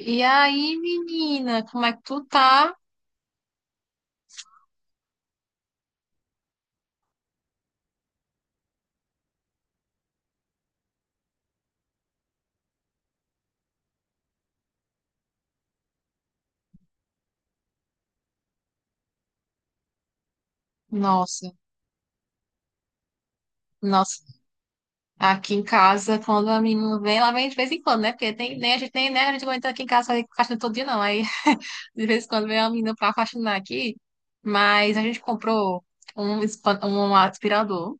E aí, menina, como é que tu tá? Nossa, nossa. Aqui em casa, quando a menina vem, ela vem de vez em quando, né? Porque tem, nem a gente nem né? A gente aguenta aqui em casa fazer faxina todo dia, não. Aí, de vez em quando vem a menina pra faxinar aqui, mas a gente comprou um, um aspirador,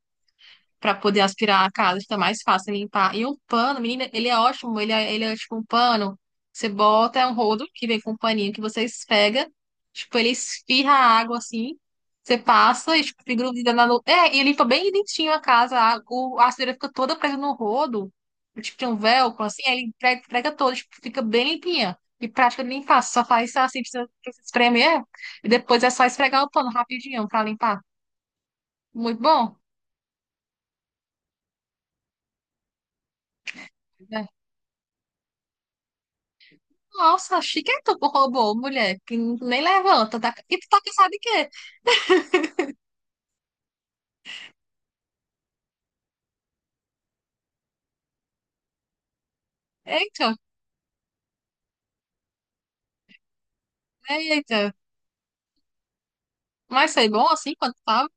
para poder aspirar a casa, fica mais fácil limpar. E um pano, menina, ele é ótimo, ele é tipo um pano, você bota, é um rodo que vem com um paninho que você esfrega, tipo, ele esfirra a água assim, você passa e tipo, fica grudada na É, e limpa bem dentinho a casa, a sujeira fica toda presa no rodo, tipo, tem um velcro assim, aí ele prega toda, tipo, fica bem limpinha. E prática de limpar, só faz assim, precisa espremer, e depois é só esfregar o pano rapidinho pra limpar. Muito bom. É. Nossa, chiqueta pro robô, mulher, que nem levanta. Tá... E tu tá cansado de quê? Eita, eita. Mas foi bom assim quando tava?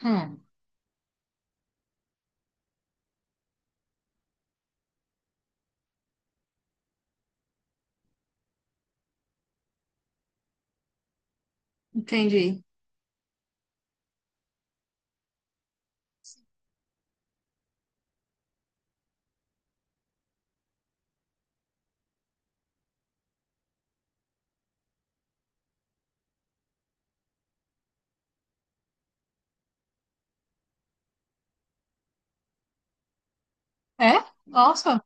Hum, entendi. É? Nossa,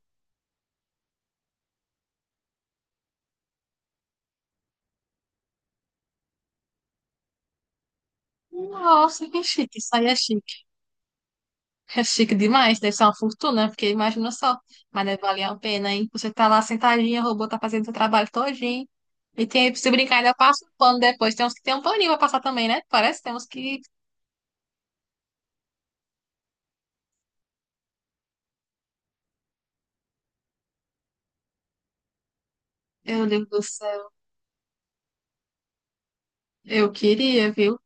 nossa, que chique. Isso aí é chique. É chique demais, deve ser uma fortuna, porque imagina só. Mas deve valer a pena, hein? Você tá lá sentadinha, o robô tá fazendo seu trabalho todinho. E tem, se brincar, ainda passa um pano depois. Tem uns que tem um paninho pra passar também, né? Parece, temos que. Meu Deus do céu, eu queria, viu?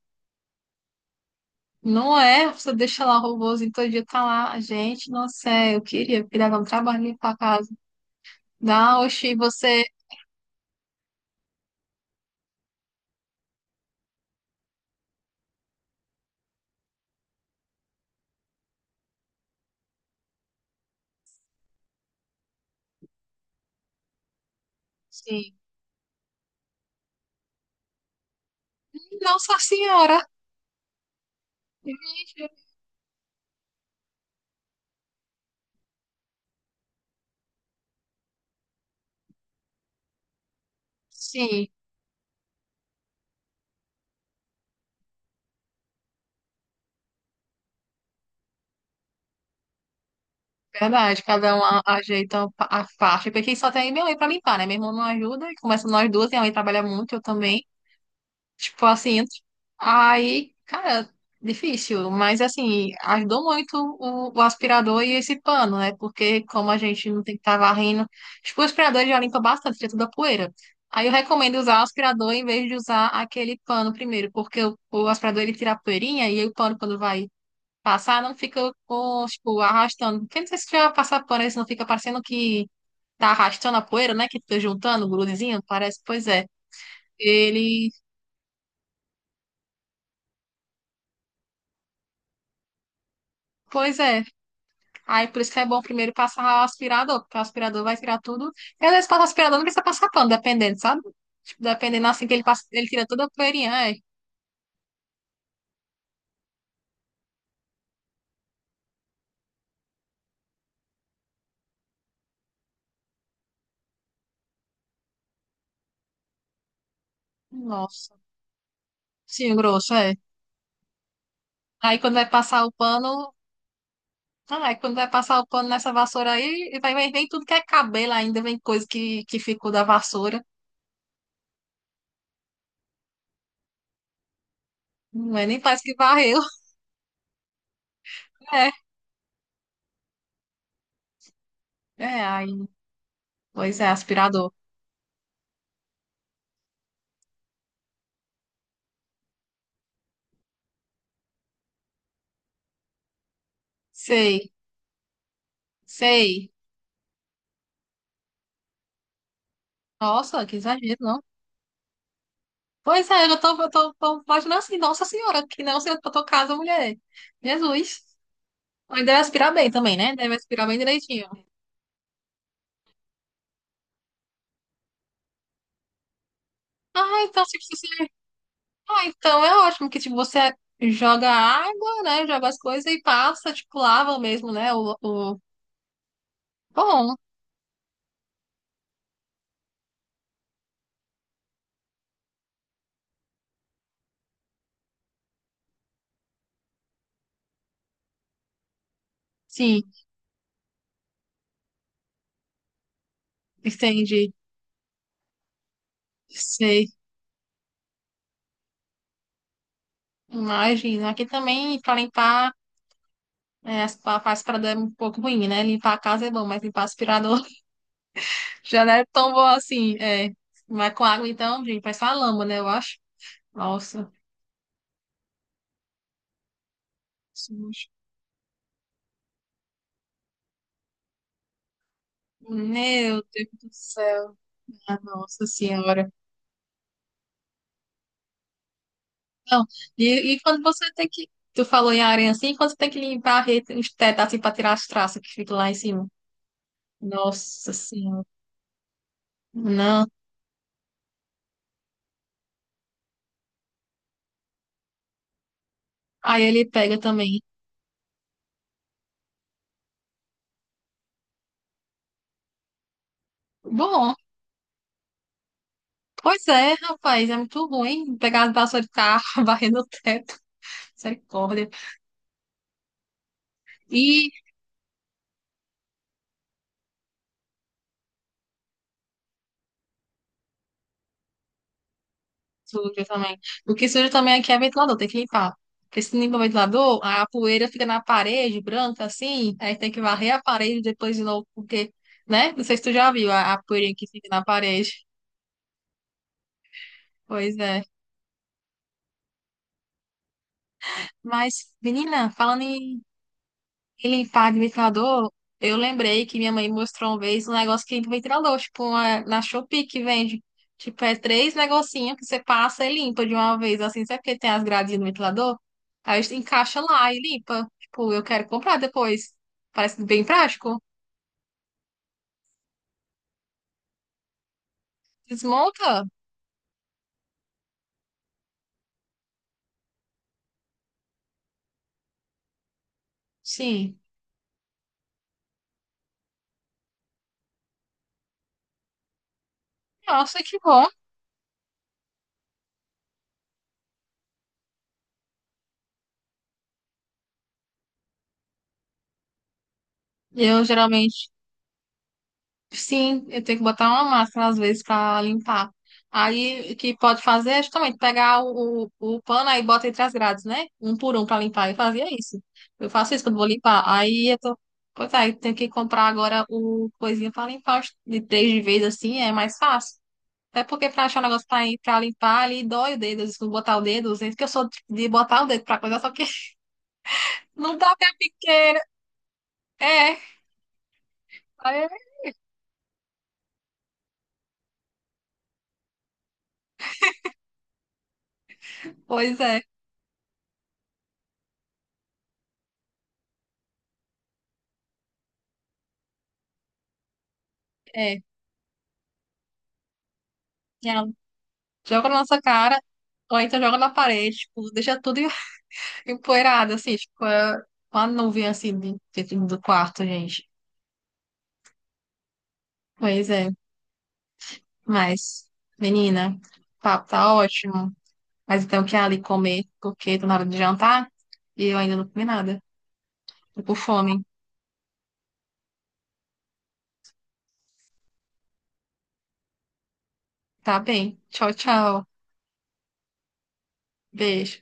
Não é? Você deixa lá o robôzinho todo dia, tá lá. Gente, nossa, é, eu queria, porque dava um trabalho limpar a casa. Não, oxi, você. Sim. Nossa senhora! Gente, sim, verdade. Cada um ajeita a faixa. Porque só tem minha mãe pra limpar, né? Meu irmão não ajuda. E começa nós duas, minha mãe trabalha muito, eu também. Tipo assim, aí, cara, difícil, mas assim, ajudou muito o aspirador e esse pano, né? Porque como a gente não tem que estar varrendo, tipo, o aspirador já limpa bastante, tira toda a poeira. Aí eu recomendo usar o aspirador em vez de usar aquele pano primeiro, porque o aspirador ele tira a poeirinha e aí o pano quando vai passar não fica com, tipo, arrastando. Porque não sei se já passar pano, isso não fica parecendo que tá arrastando a poeira, né? Que fica juntando, grudezinho, parece, pois é. Ele, pois é. Aí por isso que é bom primeiro passar o aspirador, porque o aspirador vai tirar tudo. E às vezes passa o aspirador, não precisa passar pano, dependendo, sabe? Tipo, dependendo assim que ele passa, ele tira toda a poeirinha, é. Nossa. Sim, o grosso, é. Aí quando vai passar o pano, ah, aí quando vai passar o pano nessa vassoura aí, vai vem, vem tudo que é cabelo ainda, vem coisa que ficou da vassoura. Não é nem parece que varreu. É, é, aí, pois é, aspirador. Sei, sei. Nossa, que exagero, não. Pois é, eu já tô, eu tô, tô imaginando assim, nossa senhora, que não sei pra tua casa, mulher. Jesus. Mas deve aspirar bem também, né? Deve aspirar bem direitinho. Ah, então, tipo, se você... Ah, então é ótimo que, tipo, você joga água, né? Joga as coisas e passa, tipo, lava mesmo, né? O... Bom, sim, entendi. Sei. Imagina. Aqui também, pra limpar, é, as faz pra dar um pouco ruim, né? Limpar a casa é bom, mas limpar aspirador já não é tão bom assim, é. Mas com água, então, gente, faz só a lama, né? Eu acho. Nossa, sujo. Meu Deus do céu, minha Nossa Senhora. Não, e quando você tem que. Tu falou em areia assim, quando você tem que limpar a rede, os tetos assim pra tirar as traças que ficam lá em cima. Nossa Senhora. Não. Aí ele pega também. Bom, pois é, rapaz, é muito ruim pegar as vassouras e ficar varrendo o teto. Misericórdia. E suja também. O que suja também aqui é ventilador, tem que limpar. Porque se limpa o ventilador, a poeira fica na parede, branca assim, aí tem que varrer a parede depois de novo, porque, né? Não sei se tu já viu a poeirinha que fica na parede. Pois é. Mas, menina, falando em ele para de ventilador, eu lembrei que minha mãe mostrou uma vez um negócio que limpa o ventilador, tipo uma, na Shopee que vende. Tipo, é três negocinhos que você passa e limpa de uma vez, assim, sabe porque tem as gradinhas no ventilador? Aí você encaixa lá e limpa. Tipo, eu quero comprar depois. Parece bem prático. Desmonta? Sim. Nossa, que bom. Eu geralmente sim, eu tenho que botar uma máscara às vezes para limpar. Aí, o que pode fazer é justamente pegar o pano aí bota entre as grades, né? Um por um para limpar. Eu fazia isso. Eu faço isso quando vou limpar. Aí eu tô. Pois aí, tenho que comprar agora o coisinha para limpar os- de três de vez assim, é mais fácil. Até porque para achar um negócio para pra limpar ali, dói o dedo. Às vezes, quando botar o dedo, às vezes, porque eu sou de botar o dedo para coisa, só que não dá pra piqueira. É, aí- pois é, é. Joga na nossa cara, ou então joga na parede, tipo, deixa tudo em- empoeirado, assim, tipo, é uma nuvem, assim, de- dentro do quarto, gente. Pois é, mas, menina, o papo tá ótimo, mas então eu quero ali comer, porque tô na hora de jantar e eu ainda não comi nada. Tô com fome. Tá bem. Tchau, tchau. Beijo.